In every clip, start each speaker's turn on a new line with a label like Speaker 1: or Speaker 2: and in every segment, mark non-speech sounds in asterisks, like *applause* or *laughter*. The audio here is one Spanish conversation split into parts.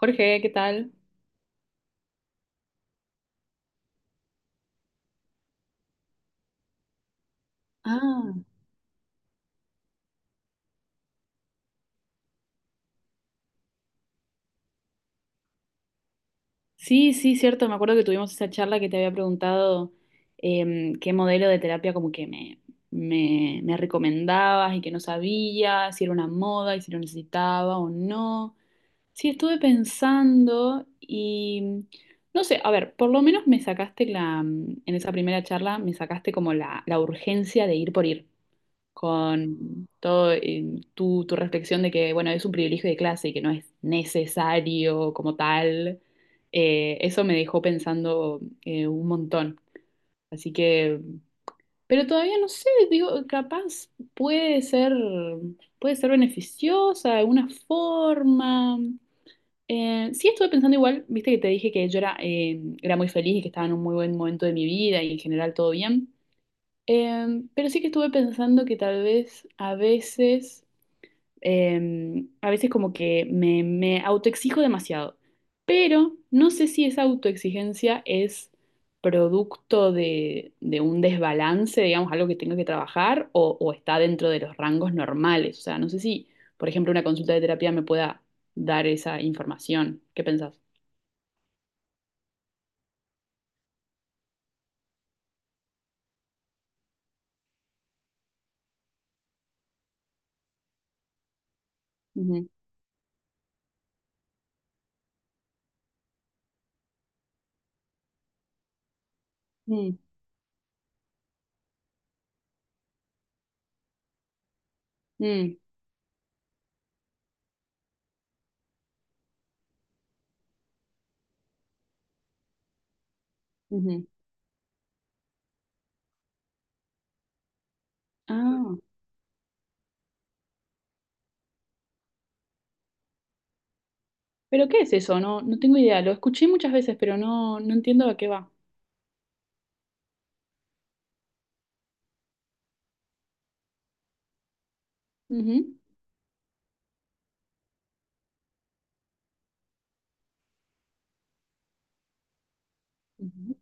Speaker 1: Jorge, ¿qué tal? Ah, sí, sí, cierto. Me acuerdo que tuvimos esa charla que te había preguntado qué modelo de terapia como que me recomendabas y que no sabía si era una moda y si lo necesitaba o no. Sí, estuve pensando y no sé, a ver, por lo menos me sacaste en esa primera charla me sacaste como la urgencia de ir por ir. Con todo tu reflexión de que, bueno, es un privilegio de clase y que no es necesario como tal, eso me dejó pensando un montón. Así que, pero todavía no sé, digo, capaz puede ser, puede ser beneficiosa de alguna forma. Sí estuve pensando igual, viste que te dije que yo era, era muy feliz y que estaba en un muy buen momento de mi vida y en general todo bien. Pero sí que estuve pensando que tal vez a veces como que me autoexijo demasiado, pero no sé si esa autoexigencia es producto de un desbalance, digamos, algo que tengo que trabajar o está dentro de los rangos normales. O sea, no sé si, por ejemplo, una consulta de terapia me pueda dar esa información. ¿Qué pensás? Ujú, mm, mm, ujú. Ah, pero ¿qué es eso? No, no tengo idea. Lo escuché muchas veces, pero no, no entiendo a qué va. Ujú, ujú,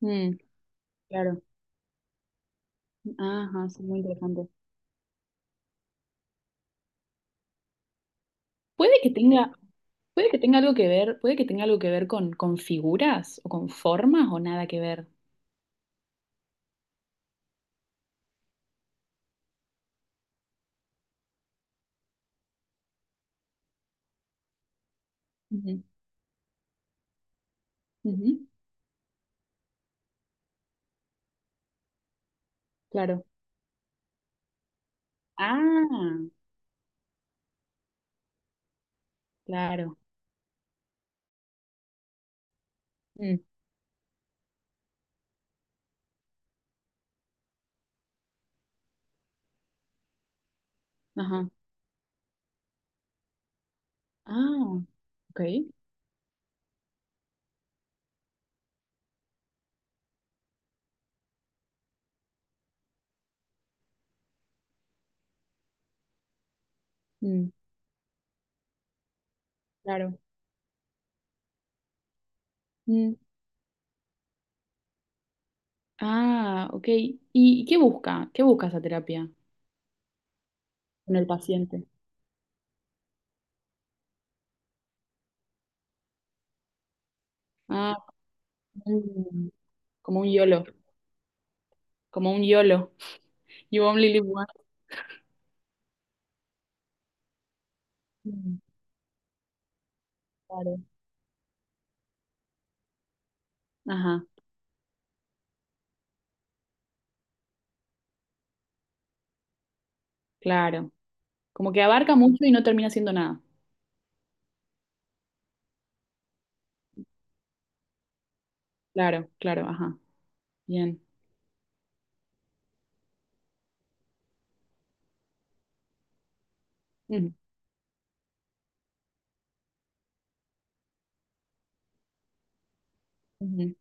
Speaker 1: mm, claro. Ajá, sí, muy interesante. Puede que tenga, puede que tenga algo que ver, puede que tenga algo que ver con figuras o con formas o nada que ver. Ujú, ujú, claro. Ah, claro. Mm, ajá. Ah, ok. Mm, claro. Mm, ah, ok. ¿Y qué busca? ¿Qué busca esa terapia con el paciente? Ah, mm, como un YOLO, como un YOLO. You only live once. Mm, claro. Ajá, claro. Como que abarca mucho y no termina siendo nada. Claro, claro, ajá. Bien. Ujú, ujú,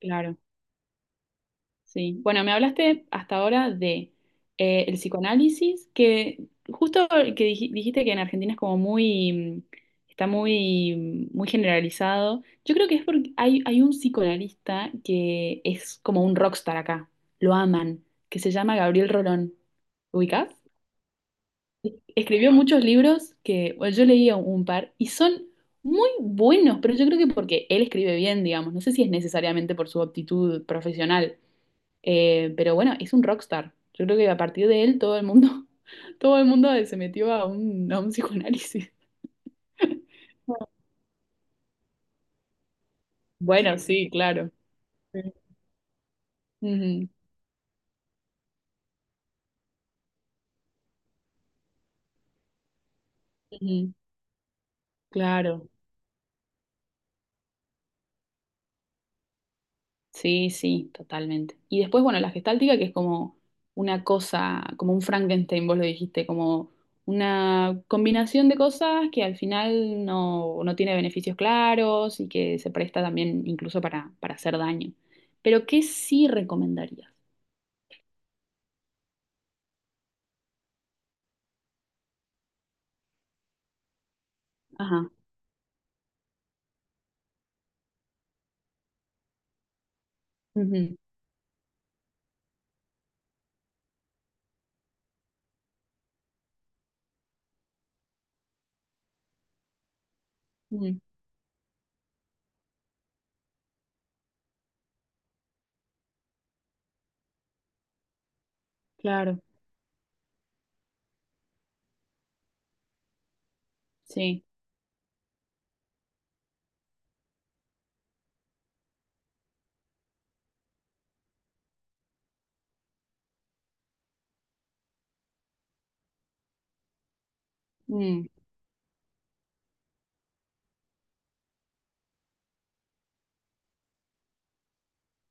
Speaker 1: claro, sí. Bueno, me hablaste hasta ahora de el psicoanálisis, que justo el que dijiste que en Argentina es como muy, mm, está muy, muy generalizado. Yo creo que es porque hay un psicoanalista que es como un rockstar acá, lo aman, que se llama Gabriel Rolón. ¿Lo ubicás? Escribió muchos libros que bueno, yo leía un par y son muy buenos, pero yo creo que porque él escribe bien, digamos. No sé si es necesariamente por su aptitud profesional, pero bueno, es un rockstar. Yo creo que a partir de él todo el mundo, *laughs* todo el mundo se metió a a un psicoanálisis. *laughs* Bueno, sí, claro. Sí. Ujú, ujú, claro. Sí, sí, totalmente. Y después, bueno, la gestáltica, que es como una cosa, como un Frankenstein, vos lo dijiste, como una combinación de cosas que al final no, no tiene beneficios claros y que se presta también incluso para hacer daño. Pero, ¿qué sí recomendarías? Ajá. Ujú, ujú, claro, sí. Mm,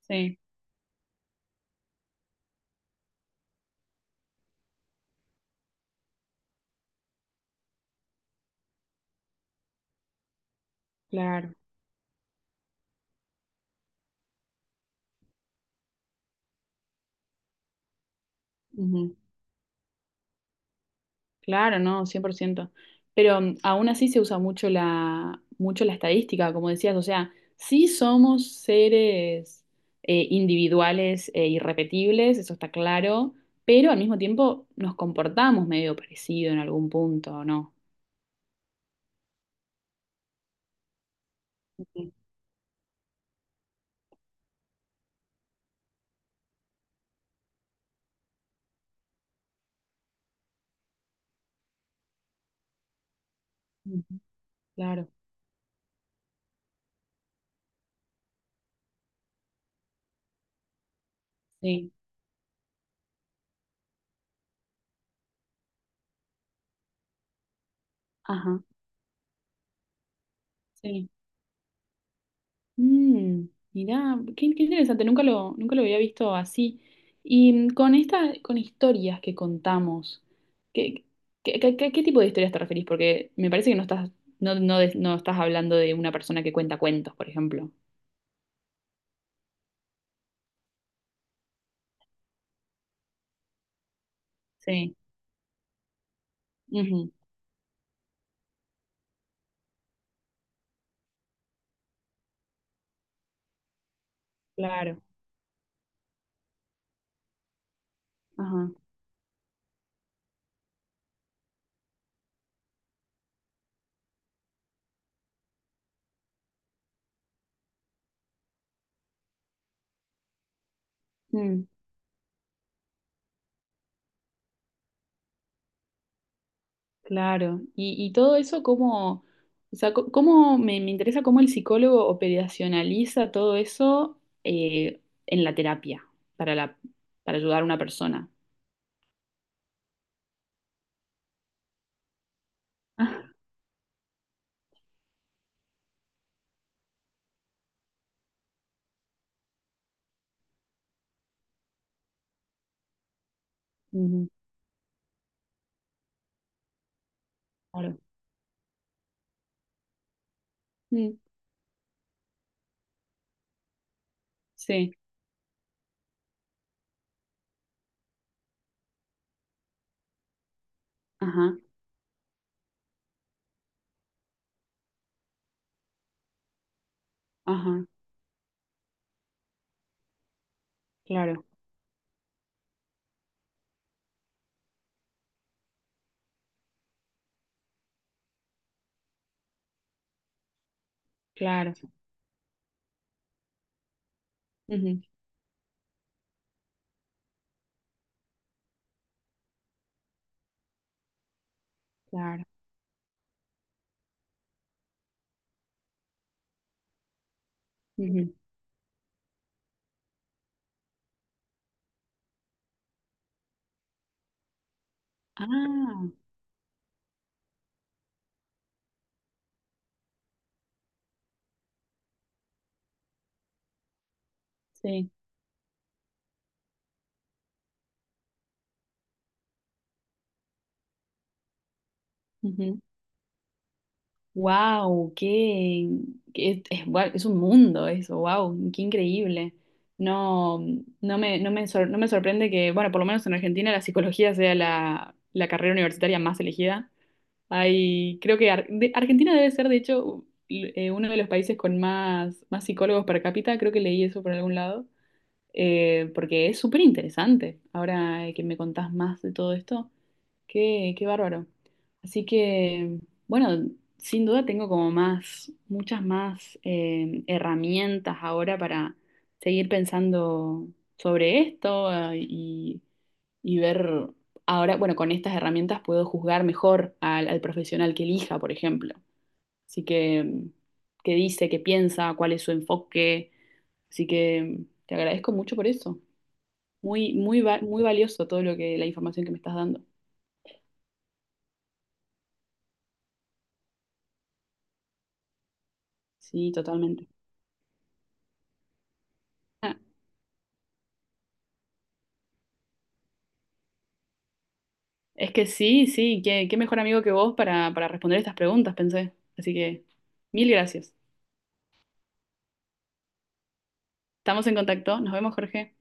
Speaker 1: sí, claro. Claro, no, 100%. Pero mm, aún así se usa mucho mucho la estadística, como decías, o sea, sí somos seres individuales e irrepetibles, eso está claro, pero al mismo tiempo nos comportamos medio parecido en algún punto, ¿o no? Ujú. Claro, sí, ajá, sí. Mm, mirá, qué, qué interesante, nunca lo, nunca lo había visto así. Y mm, con esta, con historias que contamos, ¿qué, qué, qué tipo de historias te referís? Porque me parece que no estás, no, no, no estás hablando de una persona que cuenta cuentos, por ejemplo. Sí. Ujú, claro. Ajá. Mm, claro. Y todo eso, ¿cómo, o sea, cómo me, me interesa cómo el psicólogo operacionaliza todo eso en la terapia para para ayudar a una persona? Ah, ujú, claro. Mm, sí, ajá, ajá, claro, claro, ujú, claro. Ujú. Ah, sí. Wow, qué, guau, es un mundo eso, wow, qué increíble. No, no me, no me, no me sorprende que, bueno, por lo menos en Argentina la psicología sea la carrera universitaria más elegida. Hay, creo que Argentina debe ser, de hecho, uno de los países con más, más psicólogos per cápita, creo que leí eso por algún lado. Eh, porque es súper interesante. Ahora que me contás más de todo esto, qué, qué bárbaro. Así que, bueno, sin duda tengo como más, muchas más herramientas ahora para seguir pensando sobre esto y ver, ahora, bueno, con estas herramientas puedo juzgar mejor al profesional que elija, por ejemplo. Así que, qué dice, qué piensa, cuál es su enfoque. Así que te agradezco mucho por eso. Muy, muy, muy valioso todo lo que, la información que me estás dando. Sí, totalmente. Ah, es que sí, sí, qué, qué mejor amigo que vos para responder estas preguntas, pensé. Así que, mil gracias. Estamos en contacto. Nos vemos, Jorge.